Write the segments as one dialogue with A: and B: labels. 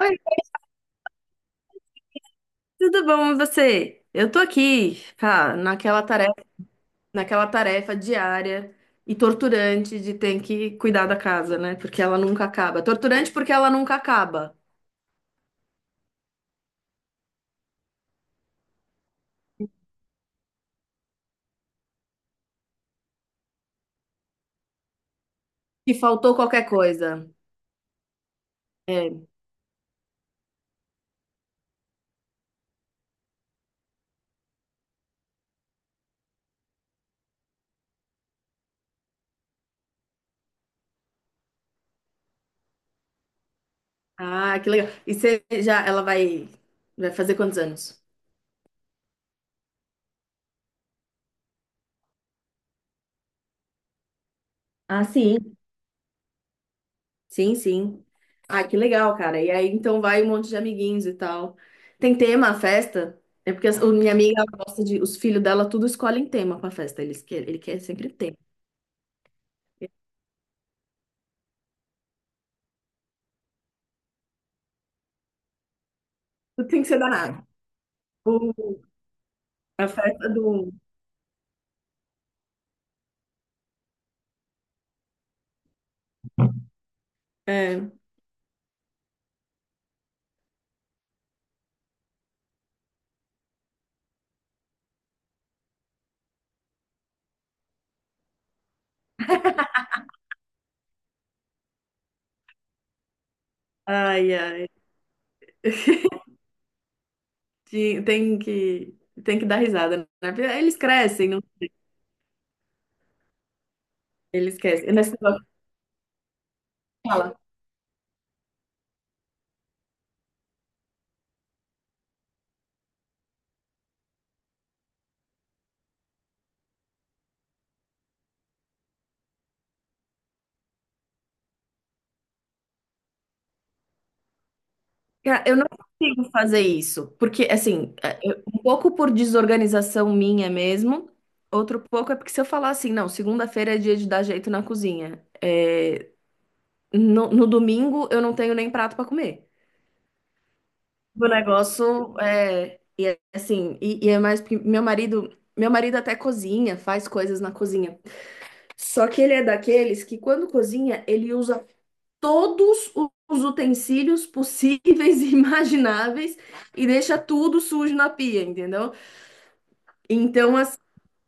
A: Oi, tudo bom e você? Eu tô aqui, cara, naquela tarefa diária e torturante de ter que cuidar da casa, né? Porque ela nunca acaba. Torturante porque ela nunca acaba. E faltou qualquer coisa. É. Ah, que legal. E você já, ela vai, vai fazer quantos anos? Ah, sim. Sim, sim. Ah, que legal, cara. E aí, então, vai um monte de amiguinhos e tal. Tem tema a festa? É porque a minha amiga ela gosta de. Os filhos dela tudo escolhem tema pra festa. Eles que ele quer sempre tema. Tudo tem que ser danado. O- a festa do. É. Ai, ai. Tem tem que dar risada, né? Eles crescem, não? Eles crescem. Nesse negócio, cara, eu não consigo fazer isso, porque, assim, é, um pouco por desorganização minha mesmo, outro pouco é porque se eu falar assim, não, segunda-feira é dia de dar jeito na cozinha, é, no domingo eu não tenho nem prato pra comer. O negócio é, e é assim, e é mais porque meu marido até cozinha, faz coisas na cozinha, só que ele é daqueles que quando cozinha, ele usa todos os utensílios possíveis e imagináveis e deixa tudo sujo na pia, entendeu? Então, assim,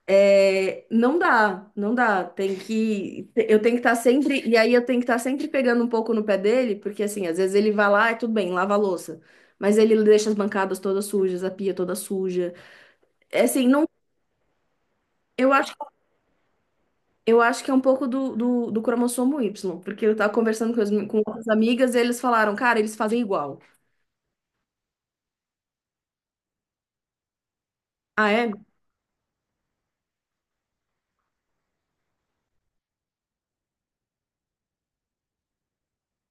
A: é, não dá. Eu tenho que estar sempre, e aí eu tenho que estar sempre pegando um pouco no pé dele, porque assim, às vezes ele vai lá e tudo bem, lava a louça, mas ele deixa as bancadas todas sujas, a pia toda suja. É assim, não. Eu acho, eu acho que é um pouco do cromossomo Y, porque eu tava conversando com outras amigas e eles falaram, cara, eles fazem igual. Ah, é?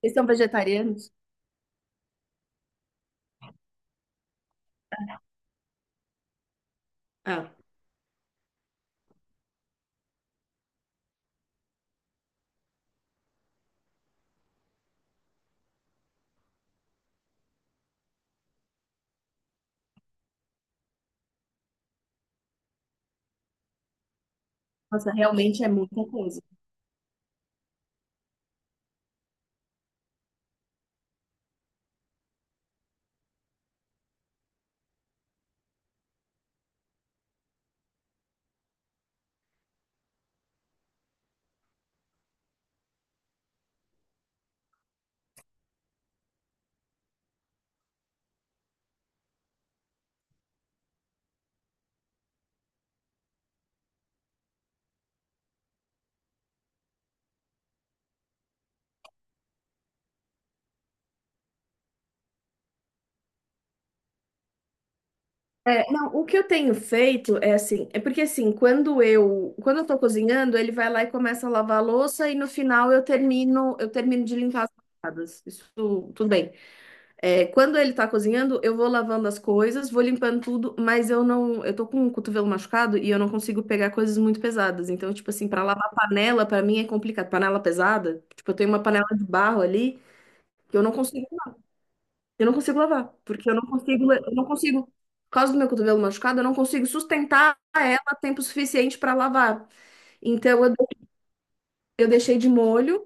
A: Vocês são vegetarianos? Ah. Nossa, realmente é muita coisa. É, não, o que eu tenho feito é assim, é porque assim, quando eu tô cozinhando, ele vai lá e começa a lavar a louça e no final eu termino de limpar as pancadas. Isso tudo bem. É, quando ele tá cozinhando, eu vou lavando as coisas, vou limpando tudo, mas eu não, eu tô com o cotovelo machucado e eu não consigo pegar coisas muito pesadas. Então, tipo assim, para lavar panela, para mim é complicado. Panela pesada, tipo, eu tenho uma panela de barro ali que eu não consigo. Eu não consigo lavar, porque eu não consigo, eu não consigo, por causa do meu cotovelo machucado, eu não consigo sustentar ela tempo suficiente para lavar. Então eu, de- eu deixei de molho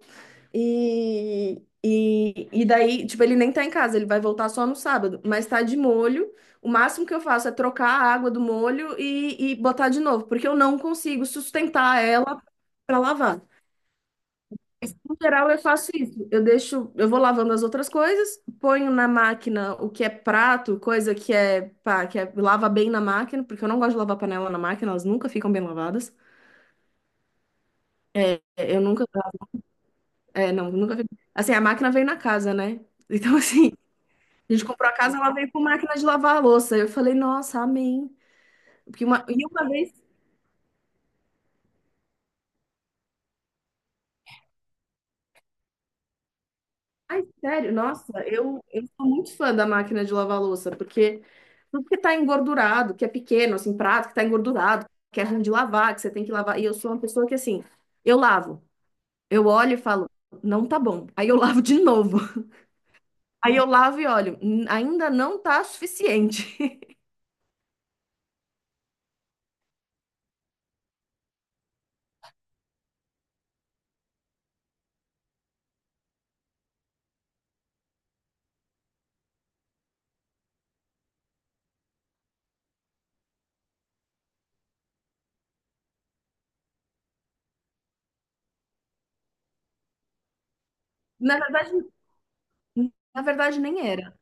A: e, e daí, tipo, ele nem tá em casa, ele vai voltar só no sábado, mas tá de molho. O máximo que eu faço é trocar a água do molho e botar de novo, porque eu não consigo sustentar ela para lavar. No geral, eu faço isso. Eu deixo, eu vou lavando as outras coisas, ponho na máquina o que é prato, coisa que é, pá, que é, lava bem na máquina, porque eu não gosto de lavar panela na máquina, elas nunca ficam bem lavadas. É, eu nunca, é, nunca fico. Assim, a máquina veio na casa, né? Então, assim, a gente comprou a casa, ela veio com máquina de lavar a louça. Eu falei, nossa, amém. Porque e uma vez. Ai, sério, nossa, eu sou muito fã da máquina de lavar louça, porque tudo que tá engordurado, que é pequeno, assim, prato que tá engordurado, que é ruim de lavar, que você tem que lavar. E eu sou uma pessoa que, assim, eu lavo, eu olho e falo, não tá bom. Aí eu lavo de novo. Aí eu lavo e olho, ainda não tá suficiente." Na verdade, nem era.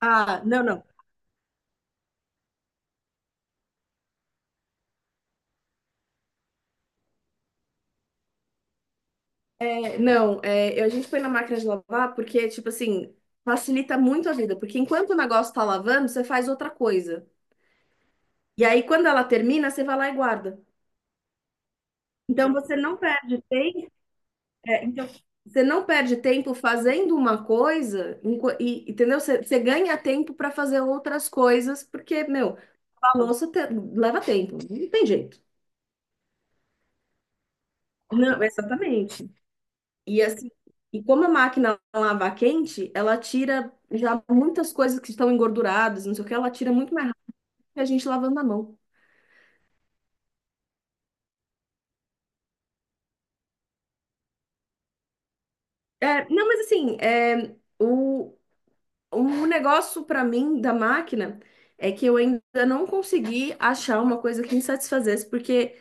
A: Ah, não, não. É, não, é, a gente põe na máquina de lavar porque, tipo assim, facilita muito a vida, porque enquanto o negócio tá lavando, você faz outra coisa. E aí, quando ela termina, você vai lá e guarda. Então, você não perde tempo. É, então, você não perde tempo fazendo uma coisa, entendeu? Você ganha tempo para fazer outras coisas, porque, meu, a leva tempo, não tem jeito. Não, exatamente. E assim, e como a máquina lava a quente, ela tira já muitas coisas que estão engorduradas, não sei o que, ela tira muito mais rápido que a gente lavando a mão. É, não, mas assim, é, o negócio pra mim da máquina é que eu ainda não consegui achar uma coisa que me satisfazesse, porque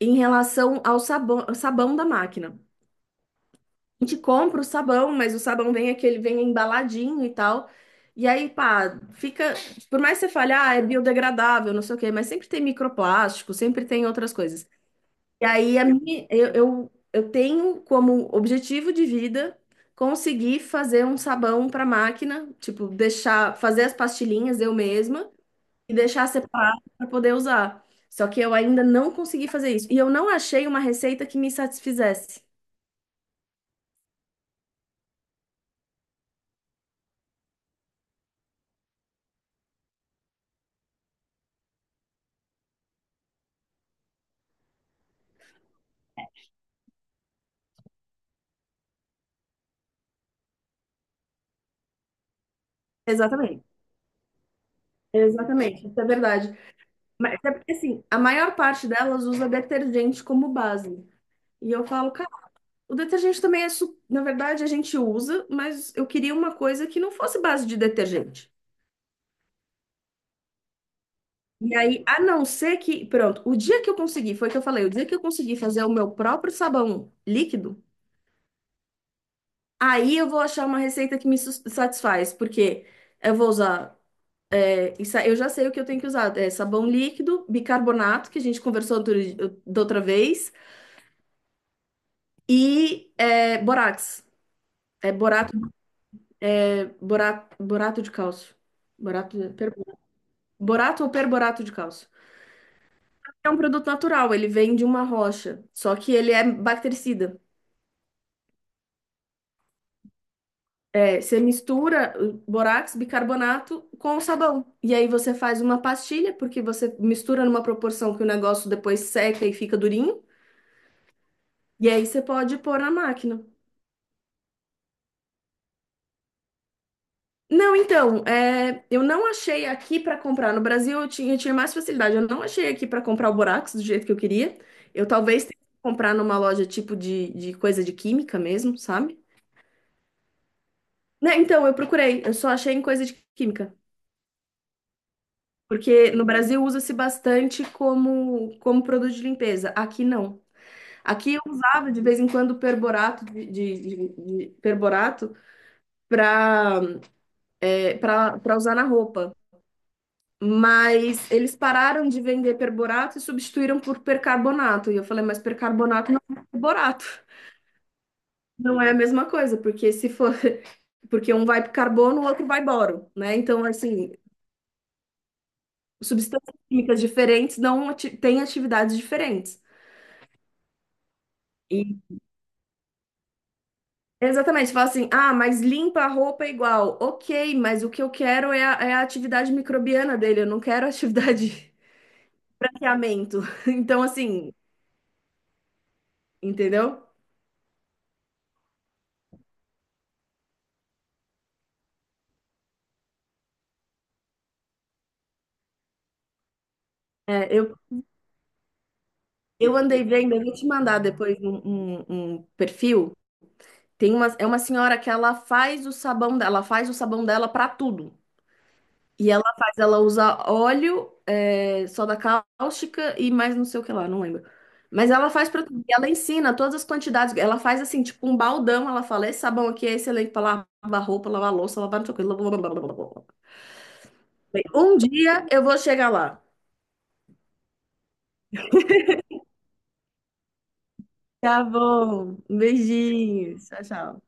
A: em relação ao sabão da máquina. A gente compra o sabão, mas o sabão vem aquele, vem embaladinho e tal. E aí, pá, fica. Por mais que você fale, ah, é biodegradável, não sei o quê, mas sempre tem microplástico, sempre tem outras coisas. E aí a eu tenho como objetivo de vida conseguir fazer um sabão para máquina, tipo, deixar, fazer as pastilhinhas eu mesma e deixar separado para poder usar. Só que eu ainda não consegui fazer isso. E eu não achei uma receita que me satisfizesse. Exatamente. Exatamente, isso é verdade. Mas é porque assim, a maior parte delas usa detergente como base. E eu falo, cara, o detergente também é, na verdade, a gente usa, mas eu queria uma coisa que não fosse base de detergente. E aí, a não ser que, pronto, o dia que eu consegui, foi o que eu falei, o dia que eu consegui fazer o meu próprio sabão líquido, aí eu vou achar uma receita que me satisfaz, porque eu vou usar, é, isso, aí eu já sei o que eu tenho que usar, é sabão líquido, bicarbonato, que a gente conversou da outra vez, e é, borax, é borato, é borato de cálcio, borato, de. Borato ou perborato de cálcio. É um produto natural, ele vem de uma rocha, só que ele é bactericida. É, você mistura borax, bicarbonato com o sabão. E aí você faz uma pastilha, porque você mistura numa proporção que o negócio depois seca e fica durinho. E aí você pode pôr na máquina. Não, então, é, eu não achei aqui para comprar. No Brasil eu tinha mais facilidade. Eu não achei aqui para comprar o borax do jeito que eu queria. Eu talvez tenha que comprar numa loja tipo de coisa de química mesmo, sabe? Né, então, eu procurei, eu só achei em coisa de química, porque no Brasil usa-se bastante como, como produto de limpeza, aqui não. Aqui eu usava de vez em quando perborato de perborato para para usar na roupa, mas eles pararam de vender perborato e substituíram por percarbonato. E eu falei, mas percarbonato não é perborato. Não é a mesma coisa, porque se for, porque um vai pro carbono, o outro vai boro, né? Então, assim, substâncias químicas diferentes têm atividades diferentes. E- Exatamente, você fala assim, ah, mas limpa a roupa é igual. Ok, mas o que eu quero é é a atividade microbiana dele, eu não quero a atividade branqueamento. Então, assim, entendeu? É, eu andei vendo, eu vou te mandar depois um perfil. Tem uma, é uma senhora que ela faz o sabão dela, ela faz o sabão dela para tudo. E ela faz ela usar óleo, é, soda cáustica e mais não sei o que lá, não lembro. Mas ela faz pra tudo. E ela ensina todas as quantidades. Ela faz assim, tipo um baldão. Ela fala: esse sabão aqui é excelente pra lavar roupa, lavar louça, lavar não sei o que. Blá, blá, blá, blá, blá, blá, blá. Um dia eu vou chegar lá. Tá bom. Beijinhos. Tchau, tchau.